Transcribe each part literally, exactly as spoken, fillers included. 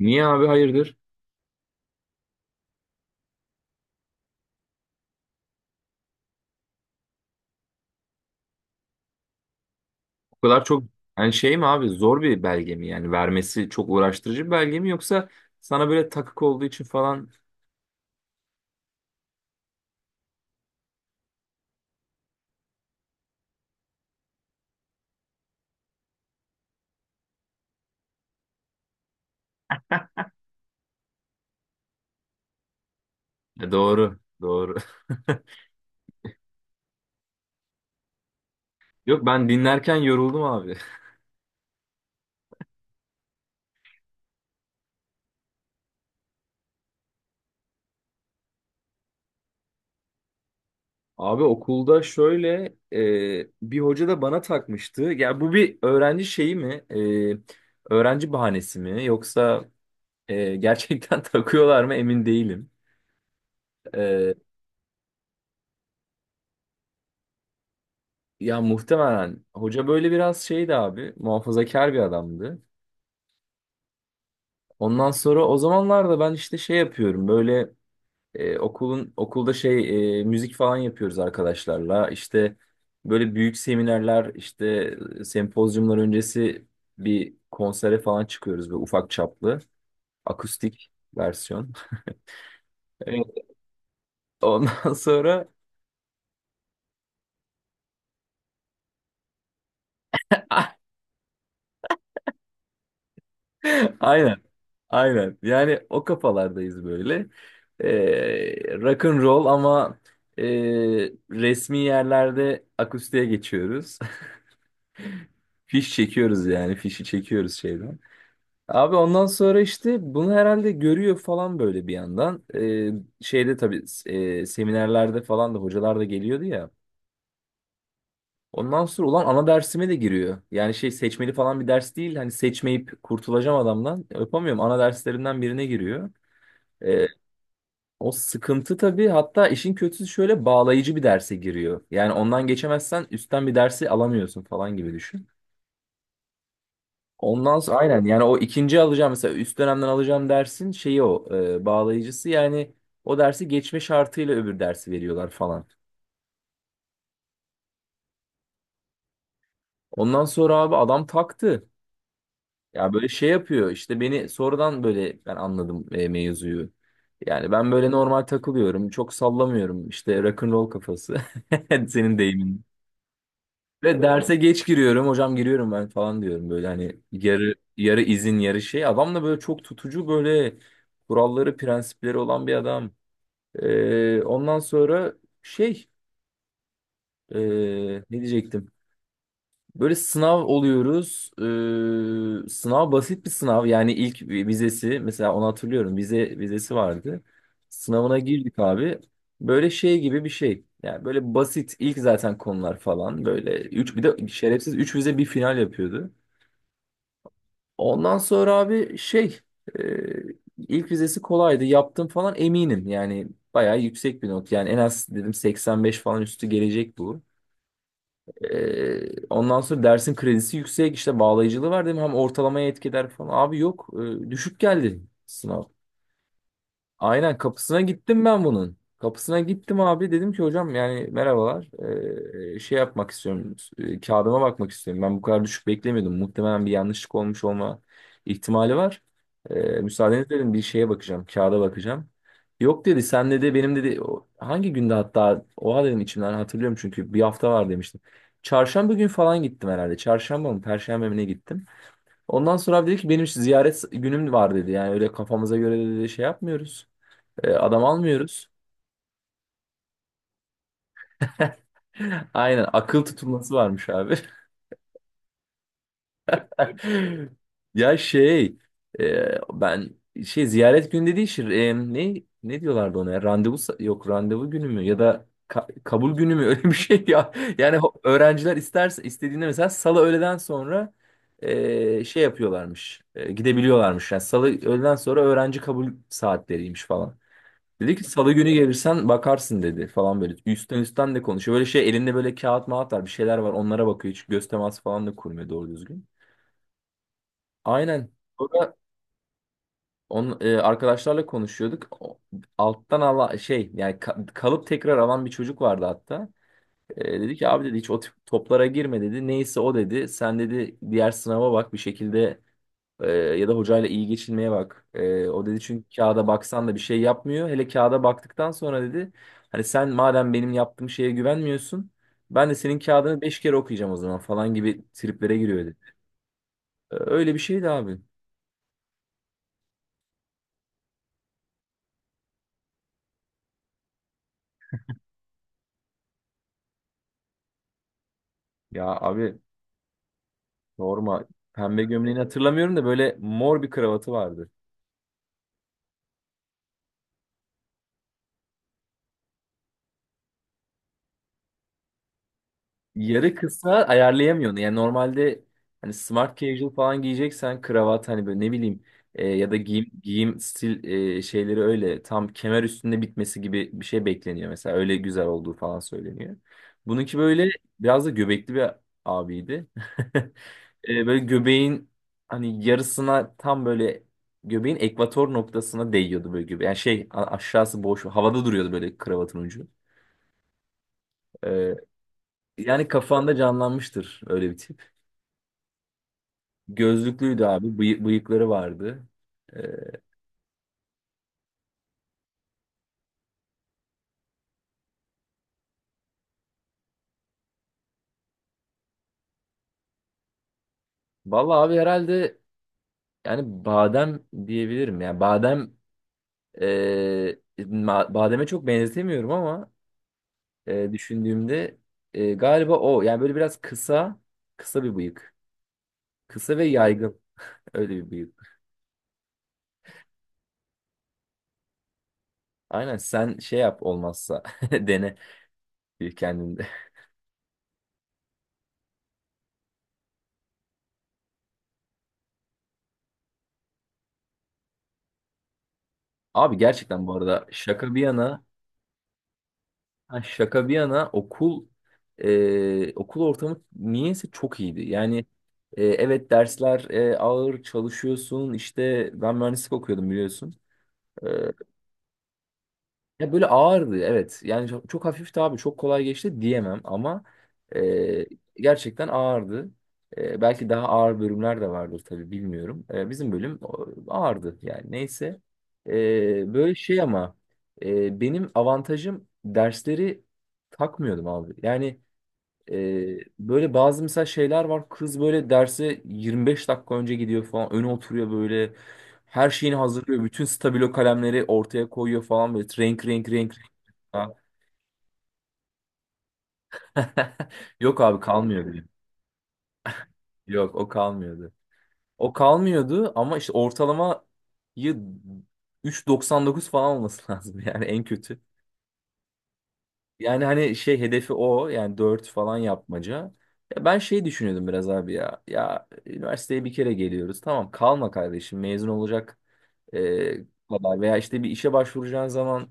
Niye abi, hayırdır? O kadar çok? Yani şey mi abi, zor bir belge mi, yani vermesi çok uğraştırıcı bir belge mi, yoksa sana böyle takık olduğu için falan? E, doğru doğru. Yok, ben dinlerken yoruldum abi. Abi okulda şöyle, e, bir hoca da bana takmıştı. Ya bu bir öğrenci şeyi mi? E, öğrenci bahanesi mi? Yoksa e, gerçekten takıyorlar mı emin değilim. E, ya muhtemelen hoca böyle biraz şeydi abi, muhafazakar bir adamdı. Ondan sonra o zamanlarda ben işte şey yapıyorum, böyle e, okulun okulda şey, e, müzik falan yapıyoruz arkadaşlarla işte, böyle büyük seminerler işte, e, sempozyumlar öncesi bir konsere falan çıkıyoruz, böyle ufak çaplı akustik versiyon. Evet. Ondan sonra aynen aynen, yani o kafalardayız böyle, e, rock and roll, ama e, resmi yerlerde akustiğe geçiyoruz. Fiş çekiyoruz yani. Fişi çekiyoruz şeyden. Abi ondan sonra işte bunu herhalde görüyor falan, böyle bir yandan. Ee, şeyde tabii e, seminerlerde falan da hocalar da geliyordu ya. Ondan sonra ulan ana dersime de giriyor. Yani şey, seçmeli falan bir ders değil. Hani seçmeyip kurtulacağım adamdan. Yapamıyorum. Ana derslerimden birine giriyor. Ee, o sıkıntı tabii. Hatta işin kötüsü şöyle, bağlayıcı bir derse giriyor. Yani ondan geçemezsen üstten bir dersi alamıyorsun falan gibi düşün. Ondan sonra aynen, yani o ikinci alacağım, mesela üst dönemden alacağım dersin şeyi o e, bağlayıcısı yani, o dersi geçme şartıyla öbür dersi veriyorlar falan. Ondan sonra abi adam taktı. Ya böyle şey yapıyor işte, beni sonradan böyle ben anladım e, mevzuyu. Yani ben böyle normal takılıyorum, çok sallamıyorum işte, rock'n'roll kafası, senin deyimin. Ve derse geç giriyorum hocam, giriyorum ben falan diyorum, böyle hani yarı yarı izin yarı şey, adam da böyle çok tutucu, böyle kuralları prensipleri olan bir adam. Ee, ondan sonra şey, ee, ne diyecektim? Böyle sınav oluyoruz. Ee, sınav basit bir sınav. Yani ilk vizesi, mesela onu hatırlıyorum. Vize vizesi vardı. Sınavına girdik abi. Böyle şey gibi bir şey. Yani böyle basit, ilk zaten konular falan. Böyle üç, bir de şerefsiz üç vize bir final yapıyordu. Ondan sonra abi şey, e, ilk vizesi kolaydı. Yaptım falan, eminim. Yani bayağı yüksek bir not. Yani en az dedim seksen beş falan üstü gelecek bu. Ee, ondan sonra dersin kredisi yüksek, işte bağlayıcılığı var değil mi? Hem ortalamaya etkiler falan. Abi yok, e, düşük geldi sınav. Aynen, kapısına gittim ben bunun. Kapısına gittim abi, dedim ki hocam yani, merhabalar. Ee, şey yapmak istiyorum, e, kağıdıma bakmak istiyorum. Ben bu kadar düşük beklemiyordum. Muhtemelen bir yanlışlık olmuş olma ihtimali var. Ee, müsaadeniz dedim, bir şeye bakacağım, kağıda bakacağım. Yok dedi, sen dedi benim dedi o- hangi günde, hatta oha dedim içimden, hatırlıyorum çünkü bir hafta var demiştim. Çarşamba gün falan gittim herhalde. Çarşamba mı Perşembe mi ne, gittim. Ondan sonra abi dedi ki, benim ziyaret günüm var dedi. Yani öyle kafamıza göre dedi şey yapmıyoruz. E, adam almıyoruz. Aynen, akıl tutulması varmış abi. Ya şey, e, ben şey, ziyaret günü dediği şey, e, ne ne diyorlardı ona ya? Randevu sa- yok, randevu günü mü, ya da ka- kabul günü mü, öyle bir şey ya. Yani ho- öğrenciler isterse, istediğinde mesela salı öğleden sonra e, şey yapıyorlarmış, e, gidebiliyorlarmış. Yani salı öğleden sonra öğrenci kabul saatleriymiş falan. Dedi ki salı günü gelirsen bakarsın dedi falan, böyle. Üstten üstten de konuşuyor. Böyle şey, elinde böyle kağıt mağat var, bir şeyler var, onlara bakıyor. Hiç göz teması falan da kurmuyor doğru düzgün. Aynen. Sonra on, e, arkadaşlarla konuşuyorduk. O- Alttan ala şey, yani ka- kalıp tekrar alan bir çocuk vardı hatta. E, dedi ki abi dedi, hiç o tip toplara girme dedi. Neyse o dedi. Sen dedi diğer sınava bak bir şekilde, Ee, ya da hocayla iyi geçinmeye bak. Ee, o dedi, çünkü kağıda baksan da bir şey yapmıyor. Hele kağıda baktıktan sonra dedi, hani sen madem benim yaptığım şeye güvenmiyorsun, ben de senin kağıdını beş kere okuyacağım o zaman falan gibi triplere giriyor dedi. Ee, öyle bir şeydi abi. Ya abi sorma, pembe gömleğini hatırlamıyorum da böyle mor bir kravatı vardı. Yarı kısa ayarlayamıyorsun. Yani normalde, hani smart casual falan giyeceksen kravat, hani böyle ne bileyim, e, ya da giyim, giyim stil e, şeyleri öyle tam kemer üstünde bitmesi gibi bir şey bekleniyor mesela. Öyle güzel olduğu falan söyleniyor. Bununki böyle biraz da göbekli bir abiydi. E, böyle göbeğin hani yarısına, tam böyle göbeğin ekvator noktasına değiyordu böyle gibi. Yani şey, a- aşağısı boş havada duruyordu böyle, kravatın ucu. E, yani kafanda canlanmıştır öyle bir tip. Gözlüklüydü abi. bıyı- bıyıkları vardı. Ee, vallahi abi herhalde, yani badem diyebilirim. Yani badem, e, ma- bademe çok benzetemiyorum ama e, düşündüğümde, e, galiba o. Yani böyle biraz kısa, kısa bir bıyık. Kısa ve yaygın. Öyle bir bıyık. Aynen, sen şey yap olmazsa, dene kendinde. Abi gerçekten bu arada, şaka bir yana, ha, şaka bir yana okul, e, okul ortamı niyeyse çok iyiydi. Yani e, evet, dersler e, ağır, çalışıyorsun. İşte ben mühendislik okuyordum, biliyorsun. Ya böyle ağırdı, evet. Yani çok, çok hafifti abi, çok kolay geçti diyemem ama e, gerçekten ağırdı. E, belki daha ağır bölümler de vardır tabii, bilmiyorum. E, bizim bölüm o- ağırdı yani, neyse. E, böyle şey ama, e, benim avantajım, dersleri takmıyordum abi. Yani ee, böyle bazı mesela şeyler var. Kız böyle derse yirmi beş dakika önce gidiyor falan. Öne oturuyor böyle. Her şeyini hazırlıyor. Bütün stabilo kalemleri ortaya koyuyor falan, böyle. Renk renk renk. Renk. Ha. Yok abi, kalmıyor benim. Yok, o kalmıyordu. O kalmıyordu ama işte ortalamayı üç virgül doksan dokuz falan olması lazım, yani en kötü. Yani hani şey, hedefi o yani, dört falan yapmaca. Ya ben şey düşünüyordum biraz abi ya. Ya üniversiteye bir kere geliyoruz. Tamam, kalma kardeşim mezun olacak e, kadar veya işte bir işe başvuracağın zaman,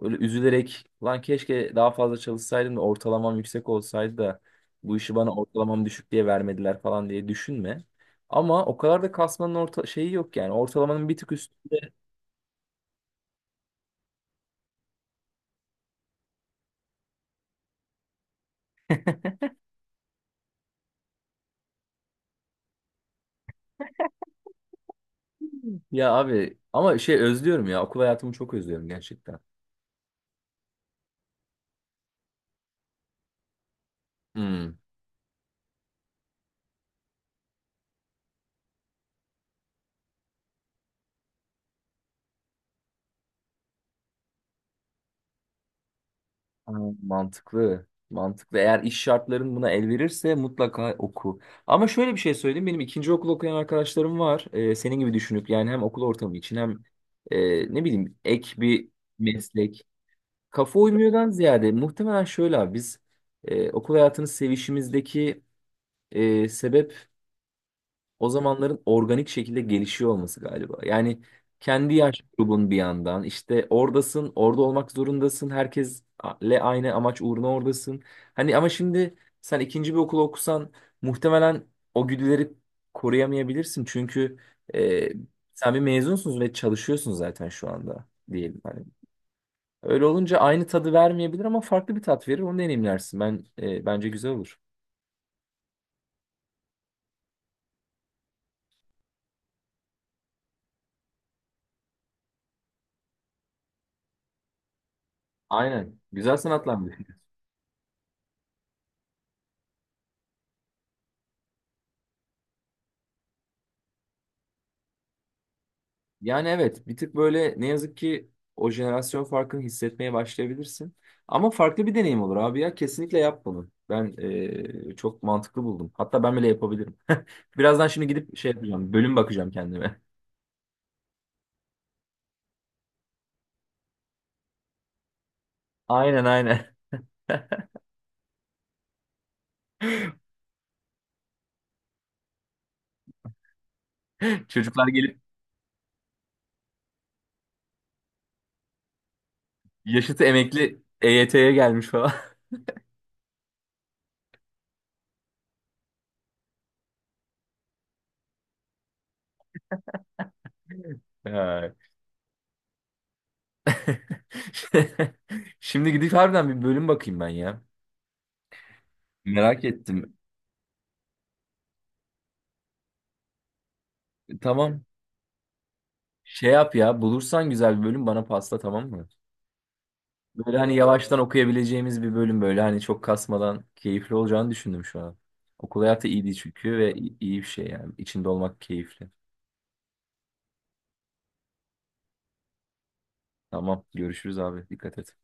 öyle üzülerek, lan keşke daha fazla çalışsaydım da ortalamam yüksek olsaydı da bu işi bana ortalamam düşük diye vermediler falan diye düşünme. Ama o kadar da kasmanın orta şeyi yok yani. Ortalamanın bir tık üstü. Ya abi ama şey özlüyorum ya, okul hayatımı çok özlüyorum gerçekten. Hmm. Ha, mantıklı. Mantıklı. Eğer iş şartların buna el verirse mutlaka oku. Ama şöyle bir şey söyleyeyim. Benim ikinci okul okuyan arkadaşlarım var. Ee, senin gibi düşünüp yani, hem okul ortamı için hem e, ne bileyim, ek bir meslek. Kafa uymuyordan ziyade muhtemelen şöyle abi, biz e, okul hayatının sevişimizdeki e, sebep, o zamanların organik şekilde gelişiyor olması galiba. Yani kendi yaş grubun, bir yandan işte oradasın, orada olmak zorundasın. Herkesle aynı amaç uğruna oradasın. Hani ama şimdi sen ikinci bir okul okusan, muhtemelen o güdüleri koruyamayabilirsin. Çünkü e, sen bir mezunsun ve çalışıyorsun zaten şu anda, diyelim. Hani öyle olunca aynı tadı vermeyebilir ama farklı bir tat verir. Onu deneyimlersin. Ben e, bence güzel olur. Aynen. Güzel sanatlandı. Yani evet, bir tık böyle ne yazık ki o jenerasyon farkını hissetmeye başlayabilirsin. Ama farklı bir deneyim olur abi ya, kesinlikle yap bunu. Ben eee, çok mantıklı buldum. Hatta ben bile yapabilirim. Birazdan şimdi gidip şey yapacağım, bölüm bakacağım kendime. Aynen aynen. Çocuklar gelip yaşıtı emekli E Y T'ye gelmiş falan. Ya. Şimdi gidip harbiden bir bölüm bakayım ben ya. Merak ettim. Tamam. Şey yap, ya bulursan güzel bir bölüm bana pasla, tamam mı? Böyle hani yavaştan okuyabileceğimiz bir bölüm, böyle hani çok kasmadan, keyifli olacağını düşündüm şu an. Okul hayatı iyiydi çünkü, ve i- iyi bir şey yani. İçinde olmak keyifli. Tamam, görüşürüz abi, dikkat et.